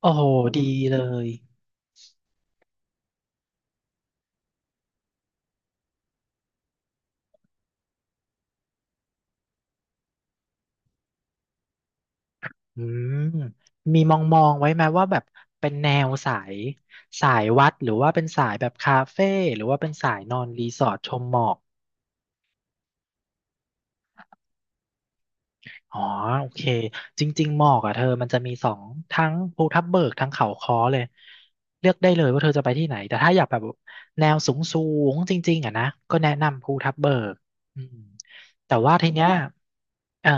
โอ้โหดีเลยอืมมีมองมองไว้ไหมว่าแบบเป็นแนวสายวัดหรือว่าเป็นสายแบบคาเฟ่หรือว่าเป็นสายนอนรีสอร์ทชมหมอก อ๋อโอเคจริงๆหมอกอ่ะเธอมันจะมีสองทั้งภูทับเบิกทั้งเขาค้อเลยเลือกได้เลยว่าเธอจะไปที่ไหนแต่ถ้าอยากแบบแนวสูงสูงจริงๆอ่ะนะก็แนะนำภูทับเบิกอืมแต่ว่าทีเนี้ยเออ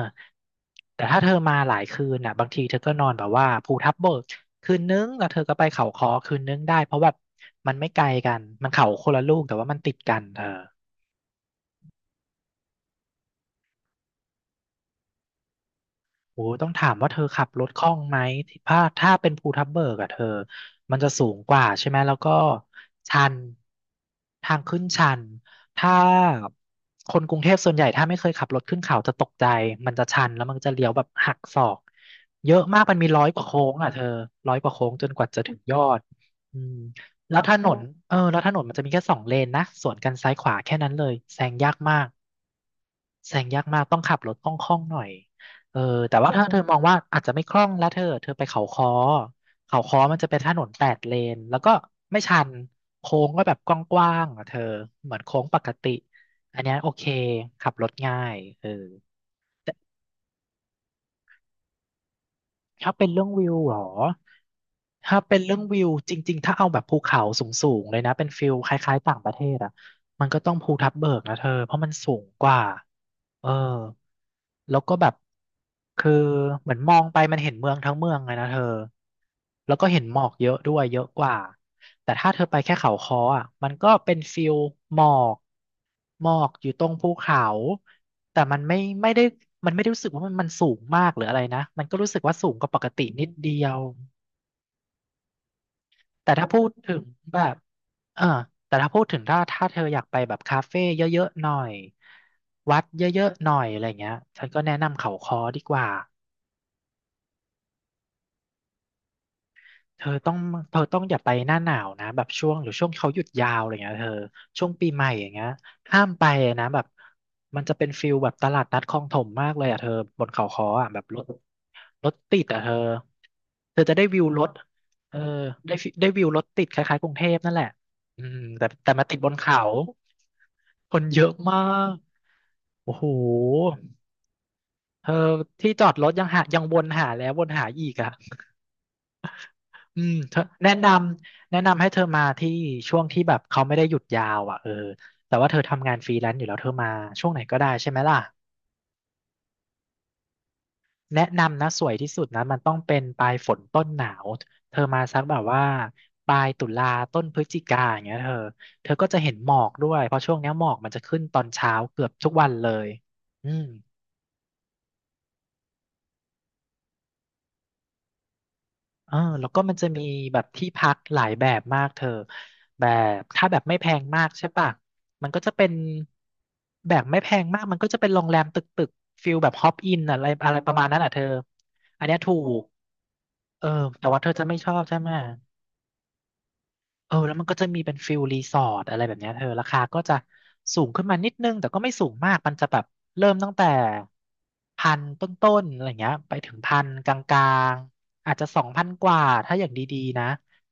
แต่ถ้าเธอมาหลายคืนอ่ะบางทีเธอก็นอนแบบว่าภูทับเบิกคืนนึงแล้วเธอก็ไปเขาค้อคืนนึงได้เพราะแบบมันไม่ไกลกันมันเขาคนละลูกแต่ว่ามันติดกันเธอ โอ้ต้องถามว่าเธอขับรถคล่องไหมถ้าเป็นภูทับเบิกอะเธอมันจะสูงกว่าใช่ไหมแล้วก็ชันทางขึ้นชันถ้าคนกรุงเทพส่วนใหญ่ถ้าไม่เคยขับรถขึ้นเขาจะตกใจมันจะชันแล้วมันจะเลี้ยวแบบหักศอกเยอะมากมันมีร้อยกว่าโค้งอะเธอร้อยกว่าโค้งจนกว่าจะถึงยอดอืมแล้วถนนเออแล้วถนนมันจะมีแค่สองเลนนะสวนกันซ้ายขวาแค่นั้นเลยแซงยากมาก แซงยากมากต้องขับรถคล่องๆหน่อยเออแต่ว่าถ้าเธอมองว่าอาจจะไม่คล่องแล้วเธอไปเขาค้อเขาค้อมันจะเป็นถนนแปดเลนแล้วก็ไม่ชันโค้งก็แบบกว้างๆอ่ะเธอเหมือนโค้งปกติอันเนี้ยโอเคขับรถง่ายเออถ้าเป็นเรื่องวิวเหรอถ้าเป็นเรื่องวิวจริงๆถ้าเอาแบบภูเขาสูงๆเลยนะเป็นฟิลคล้ายๆต่างประเทศอ่ะมันก็ต้องภูทับเบิกนะเธอเพราะมันสูงกว่า เออแล้วก็แบบคือเหมือนมองไปมันเห็นเมืองทั้งเมืองเลยนะเธอแล้วก็เห็นหมอกเยอะด้วยเยอะกว่าแต่ถ้าเธอไปแค่เขาค้ออ่ะมันก็เป็นฟิลหมอกหมอกอยู่ตรงภูเขาแต่มันไม่ได้มันไม่ได้รู้สึกว่ามันมันสูงมากหรืออะไรนะมันก็รู้สึกว่าสูงกว่าปกตินิดเดียว แต่ถ้าพูดถึงแบบเออแต่ถ้าพูดถึงถ้าเธออยากไปแบบคาเฟ่เยอะๆหน่อยวัดเยอะๆหน่อยอะไรเงี้ยฉันก็แนะนำเขาคอดีกว่า เธอต้องเธอต้องอย่าไปหน้าหนาวนะแบบช่วงหรือช่วงเขาหยุดยาวอะไรเงี้ยเธอช่วงปีใหม่อย่างเงี้ยห้ามไปนะแบบมันจะเป็นฟิลแบบตลาดนัดคลองถมมากเลยอ่ะเธอบนเขาค้ออ่ะแบบรถติดอ่ะเธอเธอจะได้วิวรถเออได้ฟิได้วิวรถติดคล้ายๆกรุงเทพนั่นแหละอืมแต่มาติดบนเขาคนเยอะมากโอ้โหเธอที่จอดรถยังหายังวนหาแล้ววนหาอีกอ่ะ อืมเธอแนะนำแนะนำให้เธอมาที่ช่วงที่แบบเขาไม่ได้หยุดยาวอ่ะเออแต่ว่าเธอทำงานฟรีแลนซ์อยู่แล้วเธอมาช่วงไหนก็ได้ใช่ไหมล่ะแนะนำนะสวยที่สุดนะมันต้องเป็นปลายฝนต้นหนาวเธอมาสักแบบว่าปลายตุลาต้นพฤศจิกาอย่างเงี้ยเธอเธอก็จะเห็นหมอกด้วยเพราะช่วงเนี้ยหมอกมันจะขึ้นตอนเช้าเกือบทุกวันเลยอืม เออแล้วก็มันจะมีแบบที่พักหลายแบบมากเธอแบบถ้าแบบไม่แพงมากใช่ปะมันก็จะเป็นแบบไม่แพงมากมันก็จะเป็นโรงแรมตึกตึกฟิลแบบฮอปอินอะไรอะไรประมาณนั้นอ่ะเธออันเนี้ยถูกเออแต่ว่าเธอจะไม่ชอบใช่ไหม เออแล้วมันก็จะมีเป็นฟิลรีสอร์ทอะไรแบบเนี้ยเธอราคาก็จะสูงขึ้นมานิดนึงแต่ก็ไม่สูงมากมันจะแบบเริ่มตั้งแต่พันต้นๆอะไรเงี้ยไปถึงพันกลางๆอาจจะสองพันกว่าถ้าอย่างดีๆนะ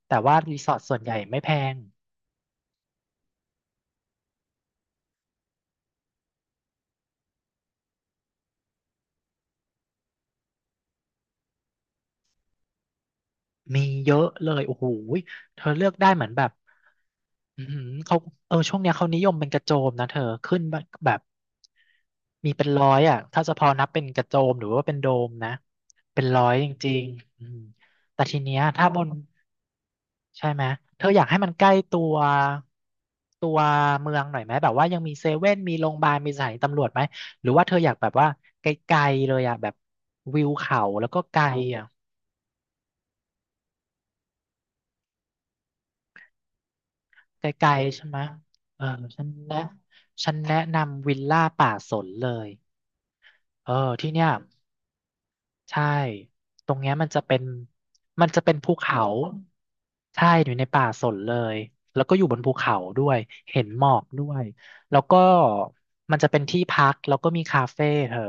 แต่ว่ารีสอร์ทส่วนใหญ่ไม่แพง มีเยอะเลยโอ้โหยเธอเลือกได้เหมือนแบบอือหือเขาเออช่วงเนี้ยเขานิยมเป็นกระโจมนะเธอขึ้นแบบมีเป็นร้อยอ่ะถ้าจะพอนับเป็นกระโจมหรือว่าเป็นโดมนะเป็นร้อยจริงๆอืมแต่ทีเนี้ยถ้าบนใช่ไหมเธออยากให้มันใกล้ตัวเมืองหน่อยไหมแบบว่ายังมีเซเว่นมีโรงพยาบาลมีสถานีตำรวจไหมหรือว่าเธออยากแบบว่าไกลๆเลยอ่ะแบบวิวเขาแล้วก็ไกลอ่ะ ไกลๆใช่ไหมเออฉันแนะฉันแนะนำวิลล่าป่าสนเลยเออที่เนี่ย ใช่ ตรงเนี้ยมันจะเป็น มันจะเป็นภูเขาใช่ อยู่ในป่าสนเลย แล้วก็อยู่บนภูเขาด้วยเห็นหมอกด้วยแล้วก็มันจะเป็นที่พักแล้วก็มีคาเฟ่เธอ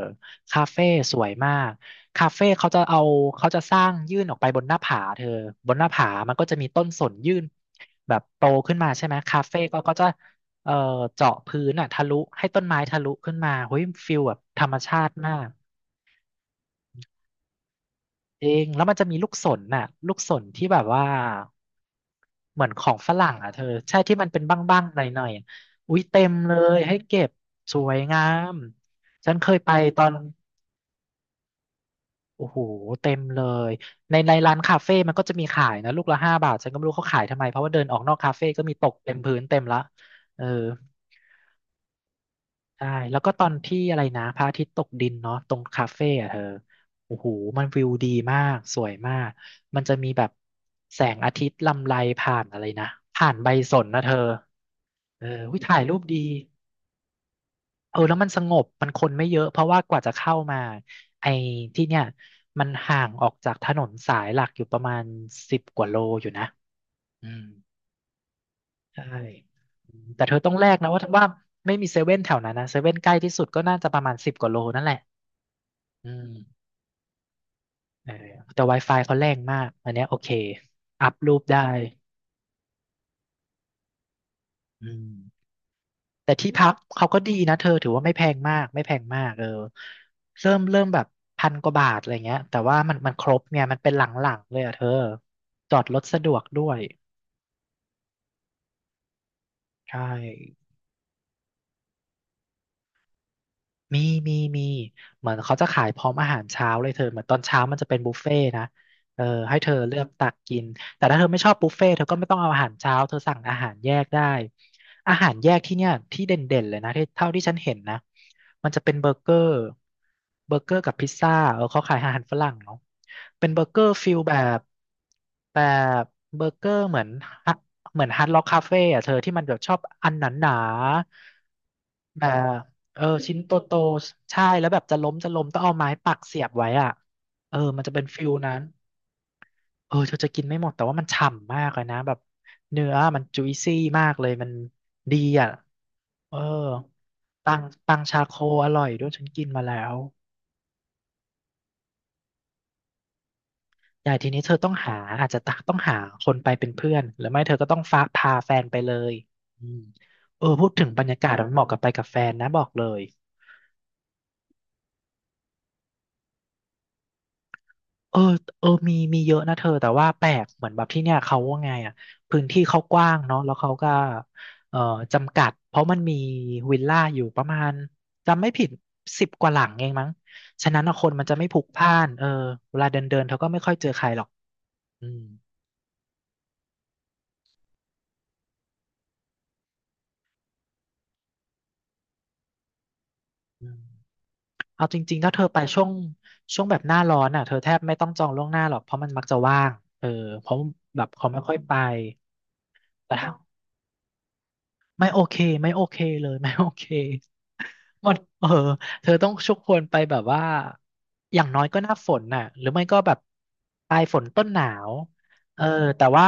คาเฟ่สวยมากคาเฟ่เขาจะเอาเขาจะสร้างยื่นออกไปบนหน้าผาเธอบนหน้าผามันก็จะมีต้นสนยื่นแบบโตขึ้นมาใช่ไหมคาเฟ่ก็เขาจะเอ่อเจาะพื้นอ่ะทะลุให้ต้นไม้ทะลุขึ้นมาเฮ้ยฟิลแบบธรรมชาติมาก จริงแล้วมันจะมีลูกสนน่ะลูกสนที่แบบว่าเหมือนของฝรั่งอ่ะเธอใช่ที่มันเป็นบ้างๆหน่อยๆอะอุ๊ยเต็มเลยให้เก็บสวยงามฉันเคยไปตอนโอ้โหเต็มเลยในร้านคาเฟ่มันก็จะมีขายนะลูกละ5 บาทฉันก็ไม่รู้เขาขายทำไมเพราะว่าเดินออกนอกคาเฟ่ก็มีตกเต็มพื้นเต็มละเออ ใช่แล้วก็ตอนที่อะไรนะพระอาทิตย์ตกดินเนาะตรงคาเฟ่อะเธอโอ้โหมันวิวดีมากสวยมากมันจะมีแบบแสงอาทิตย์ลำไรผ่านอะไรนะผ่านใบสนนะเธอเออวิถ่ายรูปดีเออแล้วมันสงบมันคนไม่เยอะเพราะว่ากว่าจะเข้ามาไอ้ที่เนี่ยมันห่างออกจากถนนสายหลักอยู่ประมาณสิบกว่าโลอยู่นะอืมใช่อืมแต่เธอต้องแลกนะว่าไม่มีเซเว่นแถวนั้นนะเซเว่นใกล้ที่สุดก็น่าจะประมาณสิบกว่าโลนั่นแหละอืม เออแต่ Wi-Fi เขาแรงมากอันเนี้ยโอเคอัพรูปได้อืมแต่ที่พักเขาก็ดีนะเธอถือว่าไม่แพงมากไม่แพงมากเออเริ่มแบบ1,000 กว่าบาทอะไรเงี้ยแต่ว่ามันครบเนี่ยมันเป็นหลังๆเลยอ่ะเธอจอดรถสะดวกด้วยใช่ มีมีมีเหมือนเขาจะขายพร้อมอาหารเช้าเลยเธอเหมือนตอนเช้ามันจะเป็นบุฟเฟ่ต์นะเออให้เธอเลือกตักกินแต่ถ้าเธอไม่ชอบบุฟเฟ่ต์เธอก็ไม่ต้องเอาอาหารเช้าเธอสั่งอาหารแยกได้อาหารแยกที่เนี่ยที่เด่นๆเลยนะที่เท่าที่ฉันเห็นนะมันจะเป็นเบอร์เกอร์เบอร์เกอร์กับพิซซ่าเออเขาขายอาหารฝรั่งเนาะเป็นเบอร์เกอร์ฟิลแบบแบบเบอร์เกอร์เหมือนฮะเหมือนฮาร์ดล็อกคาเฟ่อะเธอที่มันแบบชอบอันหนาๆแบบ เออชิ้นโตโตใช่แล้วแบบจะล้มจะล้มต้องเอาไม้ปักเสียบไว้อ่ะเออมันจะเป็นฟิลนั้นเออเธอจะกินไม่หมดแต่ว่ามันฉ่ำมากเลยนะแบบเนื้อมันจุยซี่มากเลยมันดีอ่ะเออตังตังชาโคอร่อยด้วยฉันกินมาแล้วใหญ่ทีนี้เธอต้องหาอาจจะตักต้องหาคนไปเป็นเพื่อนหรือไม่เธอก็ต้องฟ้าพาแฟนไปเลยอืมเออพูดถึงบรรยากาศมันเหมาะกับไปกับแฟนนะบอกเลย เออเออมีมีเยอะนะเธอแต่ว่าแปลกเหมือนแบบที่เนี่ยเขาว่าไงอ่ะพื้นที่เขากว้างเนาะแล้วเขาก็เอ่อจำกัดเพราะมันมีวิลล่าอยู่ประมาณจำไม่ผิด10 กว่าหลังเองมั้งฉะนั้นอะคนมันจะไม่พลุกพล่านเออเวลาเดินเดินเธอก็ไม่ค่อยเจอใครหรอกอืมอืมเอาจริงๆถ้าเธอไปช่วงแบบหน้าร้อนอ่ะเธอแทบไม่ต้องจองล่วงหน้าหรอกเพราะมันมักจะว่างเออเพราะแบบเขาไม่ค่อยไปแต่ถ้า ไม่โอเคไม่โอเคเลย ไม่โอเคหมดเออเธอต้องชุกควนไปแบบว่าอย่างน้อยก็หน้าฝนน่ะหรือไม่ก็แบบปลายฝนต้นหนาวเออแต่ว่า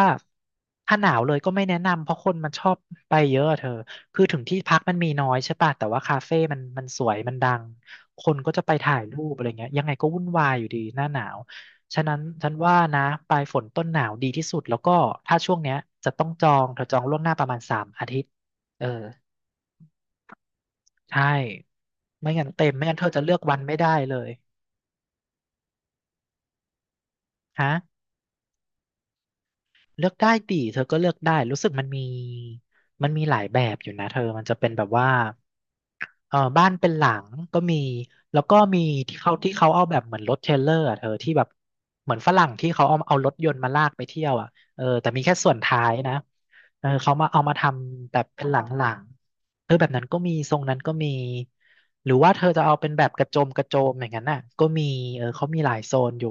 ถ้าหนาวเลยก็ไม่แนะนำเพราะคนมันชอบไปเยอะอะเธอคือถึงที่พักมันมีน้อยใช่ป่ะแต่ว่าคาเฟ่มันสวยมันดังคนก็จะไปถ่ายรูปอะไรเงี้ยยังไงก็วุ่นวายอยู่ดีหน้าหนาวฉะนั้นฉันว่านะปลายฝนต้นหนาวดีที่สุดแล้วก็ถ้าช่วงเนี้ยจะต้องจองเธอจองล่วงหน้าประมาณ3 อาทิตย์ เออใช่ไม่งั้นเต็มไม่งั้นเธอจะเลือกวันไม่ได้เลยฮะเลือกได้ดิเธอก็เลือกได้รู้สึกมันมีมันมีหลายแบบอยู่นะเธอมันจะเป็นแบบว่า เออบ้านเป็นหลังก็มีแล้วก็มีที่เขาที่เขาเอาแบบเหมือนรถเทรลเลอร์อะเธอที่แบบเหมือนฝรั่งที่เขาเอารถยนต์มาลากไปเที่ยวอ่ะเออแต่มีแค่ส่วนท้ายนะเออเขามาเอามาทำแบบเป็นหลังหลังเออแบบนั้นก็มีทรงนั้นก็มีหรือว่าเธอจะเอาเป็นแบบกระโจมกระโจมอย่างนั้นน่ะก็มีเออเขามีหลายโซนอยู่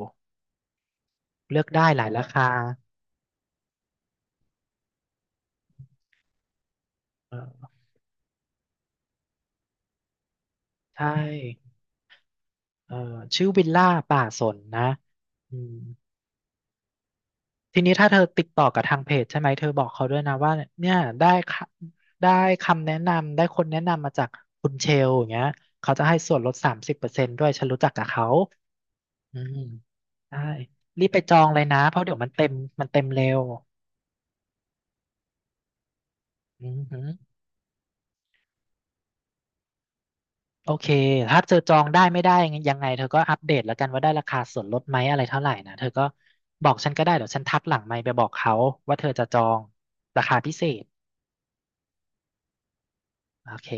เลือกได้หลายราคาเออใช่เออชื่อวิลล่าป่าสนนะอืม ทีนี้ถ้าเธอติดต่อกับทางเพจใช่ไหมเธอบอกเขาด้วยนะว่าเนี่ยได้ค่ะได้คำแนะนำได้คนแนะนำมาจากคุณเชลอย่างเงี้ยเขาจะให้ส่วนลด30%ด้วยฉันรู้จักกับเขาอืมได้รีบไปจองเลยนะเพราะเดี๋ยวมันเต็มมันเต็มเร็วอืมโอเคถ้าเจอจองได้ไม่ได้ยังไงเธอก็อัปเดตแล้วกันว่าได้ราคาส่วนลดไหมอะไรเท่าไหร่นะเธอก็บอกฉันก็ได้เดี๋ยวฉันทักหลังไมค์ไปบอกเขาว่าเธอจะจองราคาพิเศษโอเค